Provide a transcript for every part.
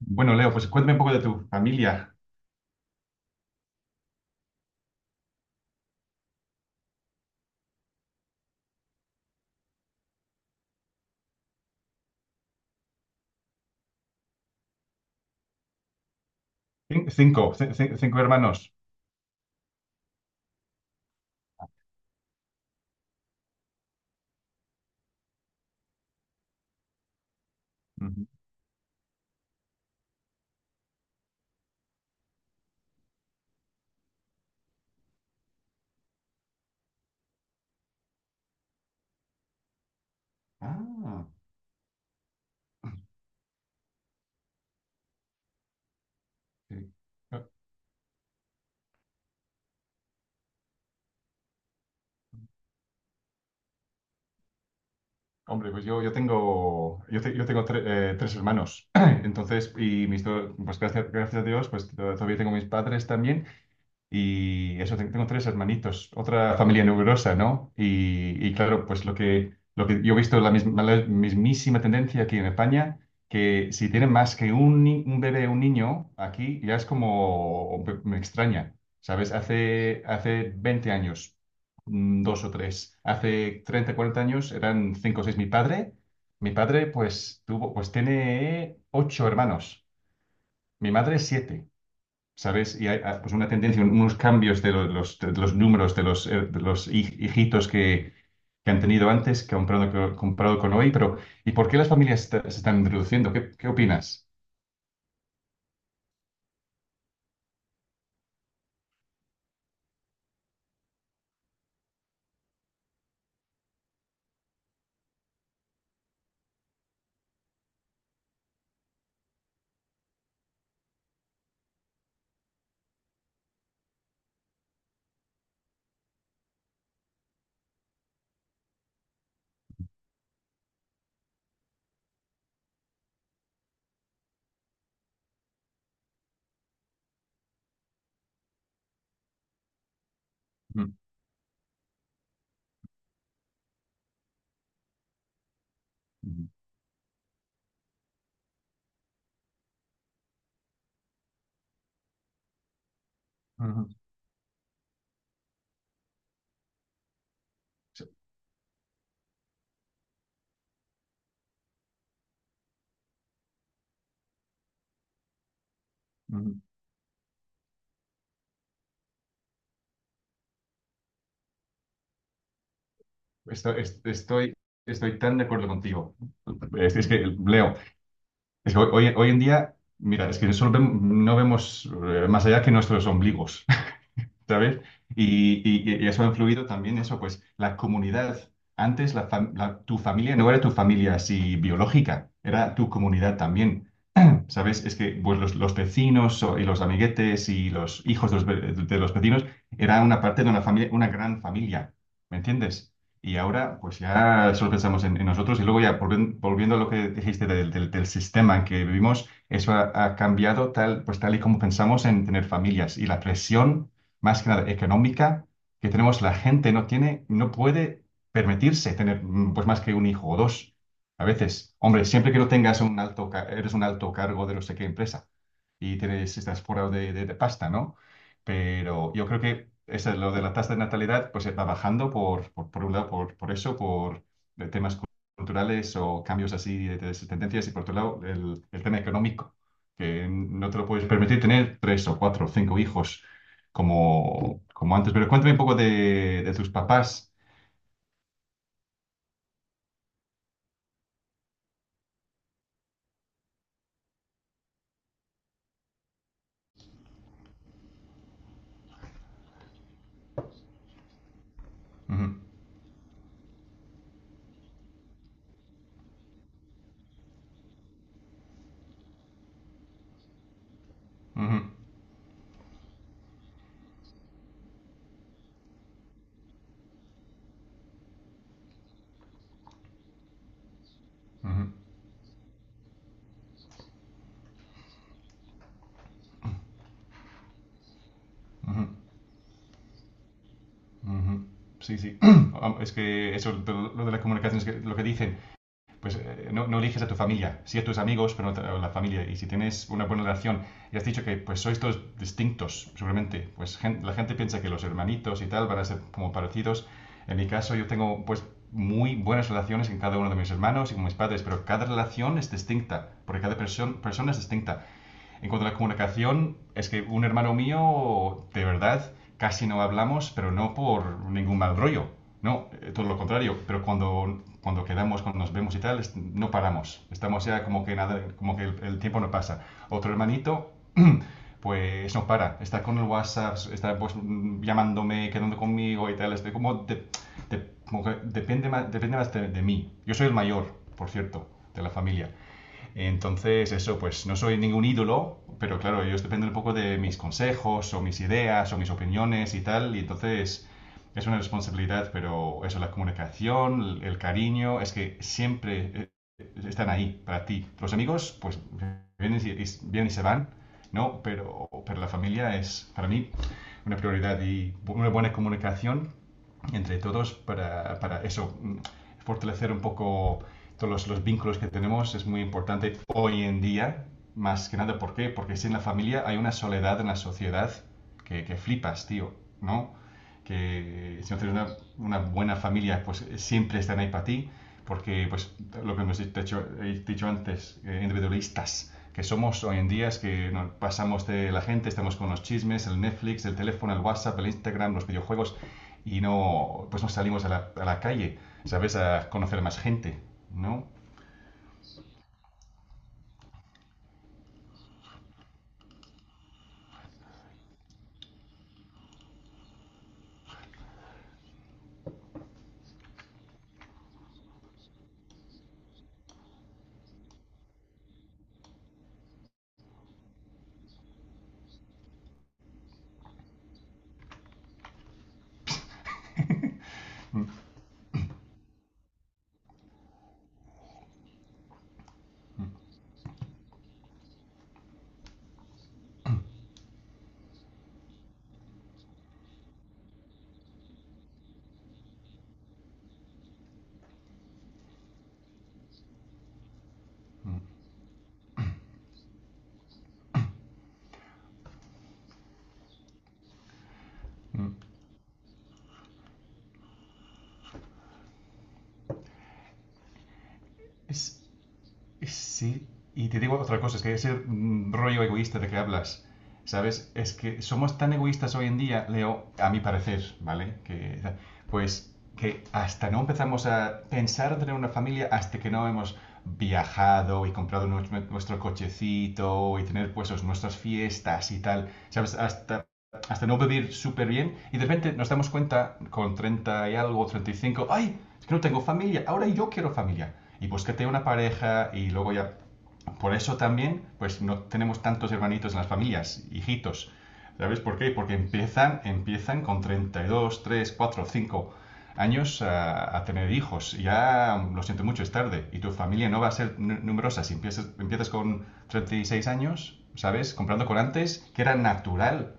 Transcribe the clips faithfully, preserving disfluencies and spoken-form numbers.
Bueno, Leo, pues cuéntame un poco de tu familia. Cin- Cinco, ci- ci- cinco hermanos. Ujú. Ah, sí. Eh, Hombre, pues yo, yo tengo, yo, te- yo tengo tre- eh, tres hermanos. Entonces, y mis dos, pues gracias, gracias a Dios, pues to- todavía tengo mis padres también. Y eso, te- tengo tres hermanitos, otra familia numerosa, ¿no? Y, y claro, pues lo que, lo que yo he visto la misma, la mismísima tendencia aquí en España, que si tienen más que un, ni- un bebé, un niño, aquí ya es como, me me extraña, ¿sabes? Hace, hace veinte años, mm, dos o tres, hace treinta cuarenta años eran cinco o seis. Mi padre, mi padre pues tuvo, pues tiene ocho hermanos, mi madre siete. ¿Sabes? Y hay ah, pues una tendencia, unos cambios de lo- los, de los números, de los, eh, de los hij- hijitos que, que han tenido antes, que han comprado, comprado con hoy, pero ¿y por qué las familias esta- se están reduciendo? ¿Qué, qué opinas? Ujú, ujú, ujú. Ujú. Esto- es- Estoy, estoy, tan de acuerdo contigo. Es, es que, Leo, es que hoy, hoy hoy en día, mira, es que solo vem- no vemos eh, más allá que nuestros ombligos. ¿Sabes? Y, y- y eso ha influido también eso, pues la comunidad. Antes la fam- la- tu familia no era tu familia así biológica, era tu comunidad también relación, ¿sabes? Es que pues, los, los vecinos o- y los amiguetes y los hijos de los, ve- de los vecinos era una parte de una familia, una gran familia, ¿me entiendes? Y ahora pues ya solo pensamos en, en nosotros y luego ya volven- volviendo a lo que dijiste del, del- del sistema en que vivimos, eso ha, ha cambiado tal, pues tal y como pensamos en tener familias y la presión, más que nada económica, que tenemos, la gente no tiene, no puede permitirse tener mm, pues más que un hijo o dos. A veces, hombre, siempre que no tengas un alto, ca- eres un alto cargo de no sé qué empresa y tienes, estás forrado de, de- de pasta, ¿no? Pero yo creo que eso, lo de la tasa de natalidad pues va bajando por, por, por un lado, por, por eso, por eh, temas culturales o cambios así de, de esas tendencias y por otro lado el, el tema económico, que no te lo puedes permitir tener tres o cuatro o cinco hijos como, como antes. Pero cuéntame un poco de, de tus papás. Ujú, ujú, ujú, ujú. Ujú. Sí, sí. Am- Es que eso, lo lo de las comunicaciones, que, lo que dicen, pues eh, no, no eliges a tu familia, sí a tus amigos, pero no a la familia. Y si tienes una buena relación y has dicho que pues sois todos distintos, seguramente, pues gen- la gente piensa que los hermanitos y tal van a ser como parecidos. En mi caso, yo tengo pues muy buenas relaciones con cada uno de mis hermanos y con mis padres, pero cada relación es distinta, porque cada perso- persona es distinta. En cuanto a la comunicación, es que un hermano mío, de verdad, casi no hablamos, pero no por ningún mal rollo. No, eh, todo lo contrario. Pero cuando, cuando quedamos, cuando nos vemos y tal, es- no paramos. Estamos ya como que nada, como que el, el tiempo no pasa. Otro hermanito, pues no para. Está con el WhatsApp, está pues mm, llamándome, quedando conmigo y tal. Estoy como, de- de- como que depende más, depende más de, de mí. Yo soy el mayor, por cierto, de la familia. Entonces, eso, pues no soy ningún ídolo, pero claro, ellos dependen un poco de mis consejos o mis ideas o mis opiniones y tal, y entonces es una responsabilidad, pero eso, la comunicación, el, el cariño, es que siempre eh, están ahí para ti. Los amigos, pues vienen y, y- vienen y se van, ¿no? Pero, pero la familia es para mí una prioridad y una buena comunicación entre todos para, para eso, mm, fortalecer un poco todos los, los vínculos que tenemos es muy importante hoy en día, más que nada, ¿por qué? Porque si en la familia hay una soledad en la sociedad que, que flipas, tío, ¿no? Que si no tienes una, una buena familia, pues siempre están ahí para ti, porque pues lo que hemos dicho, he dicho antes, eh, individualistas que somos hoy en día es que nos pasamos de la gente, estamos con los chismes, el Netflix, el teléfono, el WhatsApp, el Instagram, los videojuegos, y no, pues no salimos a la, a la calle, ¿sabes? A conocer más gente, ¿no? Mm. Es, es- sí. Y te digo otra cosa, es que ese mm, rollo egoísta de que hablas, ¿sabes? Es que somos tan egoístas hoy en día, Leo, a mi parecer, ¿vale? Que, pues que hasta no empezamos a pensar en tener una familia hasta que no hemos viajado y comprado nues- nuestro cochecito y tener pues os- nuestras fiestas y tal, ¿sabes? Hasta hasta no vivir súper bien y de repente nos damos cuenta con treinta y algo, treinta y cinco ay, es que no tengo familia, ahora yo quiero familia. Y búscate una pareja y luego ya... Por eso también, pues no tenemos tantos hermanitos en las familias, hijitos. ¿Sabes por qué? Porque empiezan, empiezan con treinta y dos, tres, cuatro, cinco años a, a tener hijos. Ya, lo siento mucho, es tarde. Y tu familia no va a ser numerosa. Si empiezas, empiezas con treinta y seis años, ¿sabes? Comprando con antes, que era natural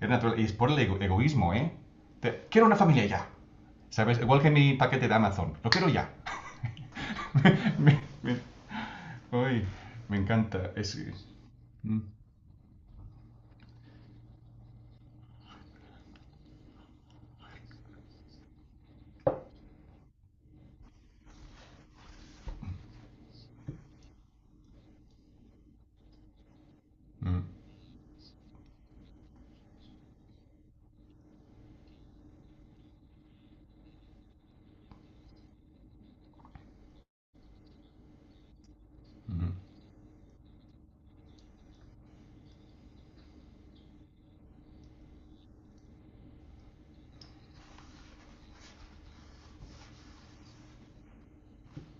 es natural. Y es por el ego- egoísmo, ¿eh? Te- quiero una familia ya. ¿Sabes? Igual que mi paquete de Amazon. Lo quiero ya. me, me- ay, me encanta. Es. es- mm, mm, mm,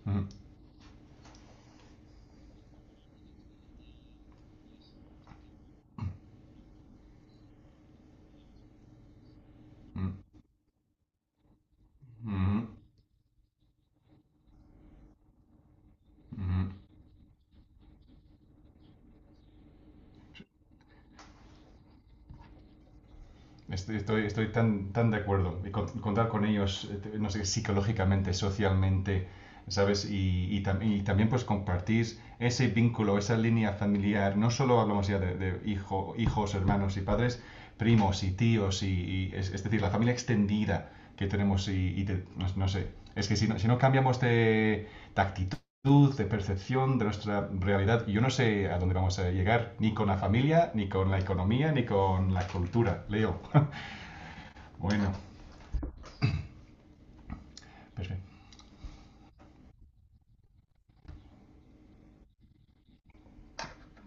mm, mm, mm, mm. Estoy, estoy, estoy tan, tan de acuerdo. Y con- contar con ellos, eh, te- no sé, psicológicamente, socialmente, ¿sabes? Y, y tam- y también pues compartir ese vínculo, esa línea familiar. No solo hablamos ya de, de hijo, hijos, hermanos y padres, primos y tíos, y, y es, es decir, la familia extendida que tenemos y, y te- no, no sé. Es que si no, si no cambiamos de, de actitud, de percepción de nuestra realidad. Y yo no sé a dónde vamos a llegar, ni con la familia, ni con la economía, ni con la cultura, Leo. Bueno, perfecto.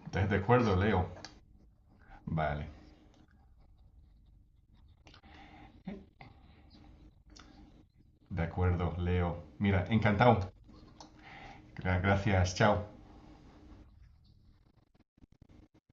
¿Estás de acuerdo, Leo? Vale. De acuerdo, Leo. Mira, encantado. Gracias, chao.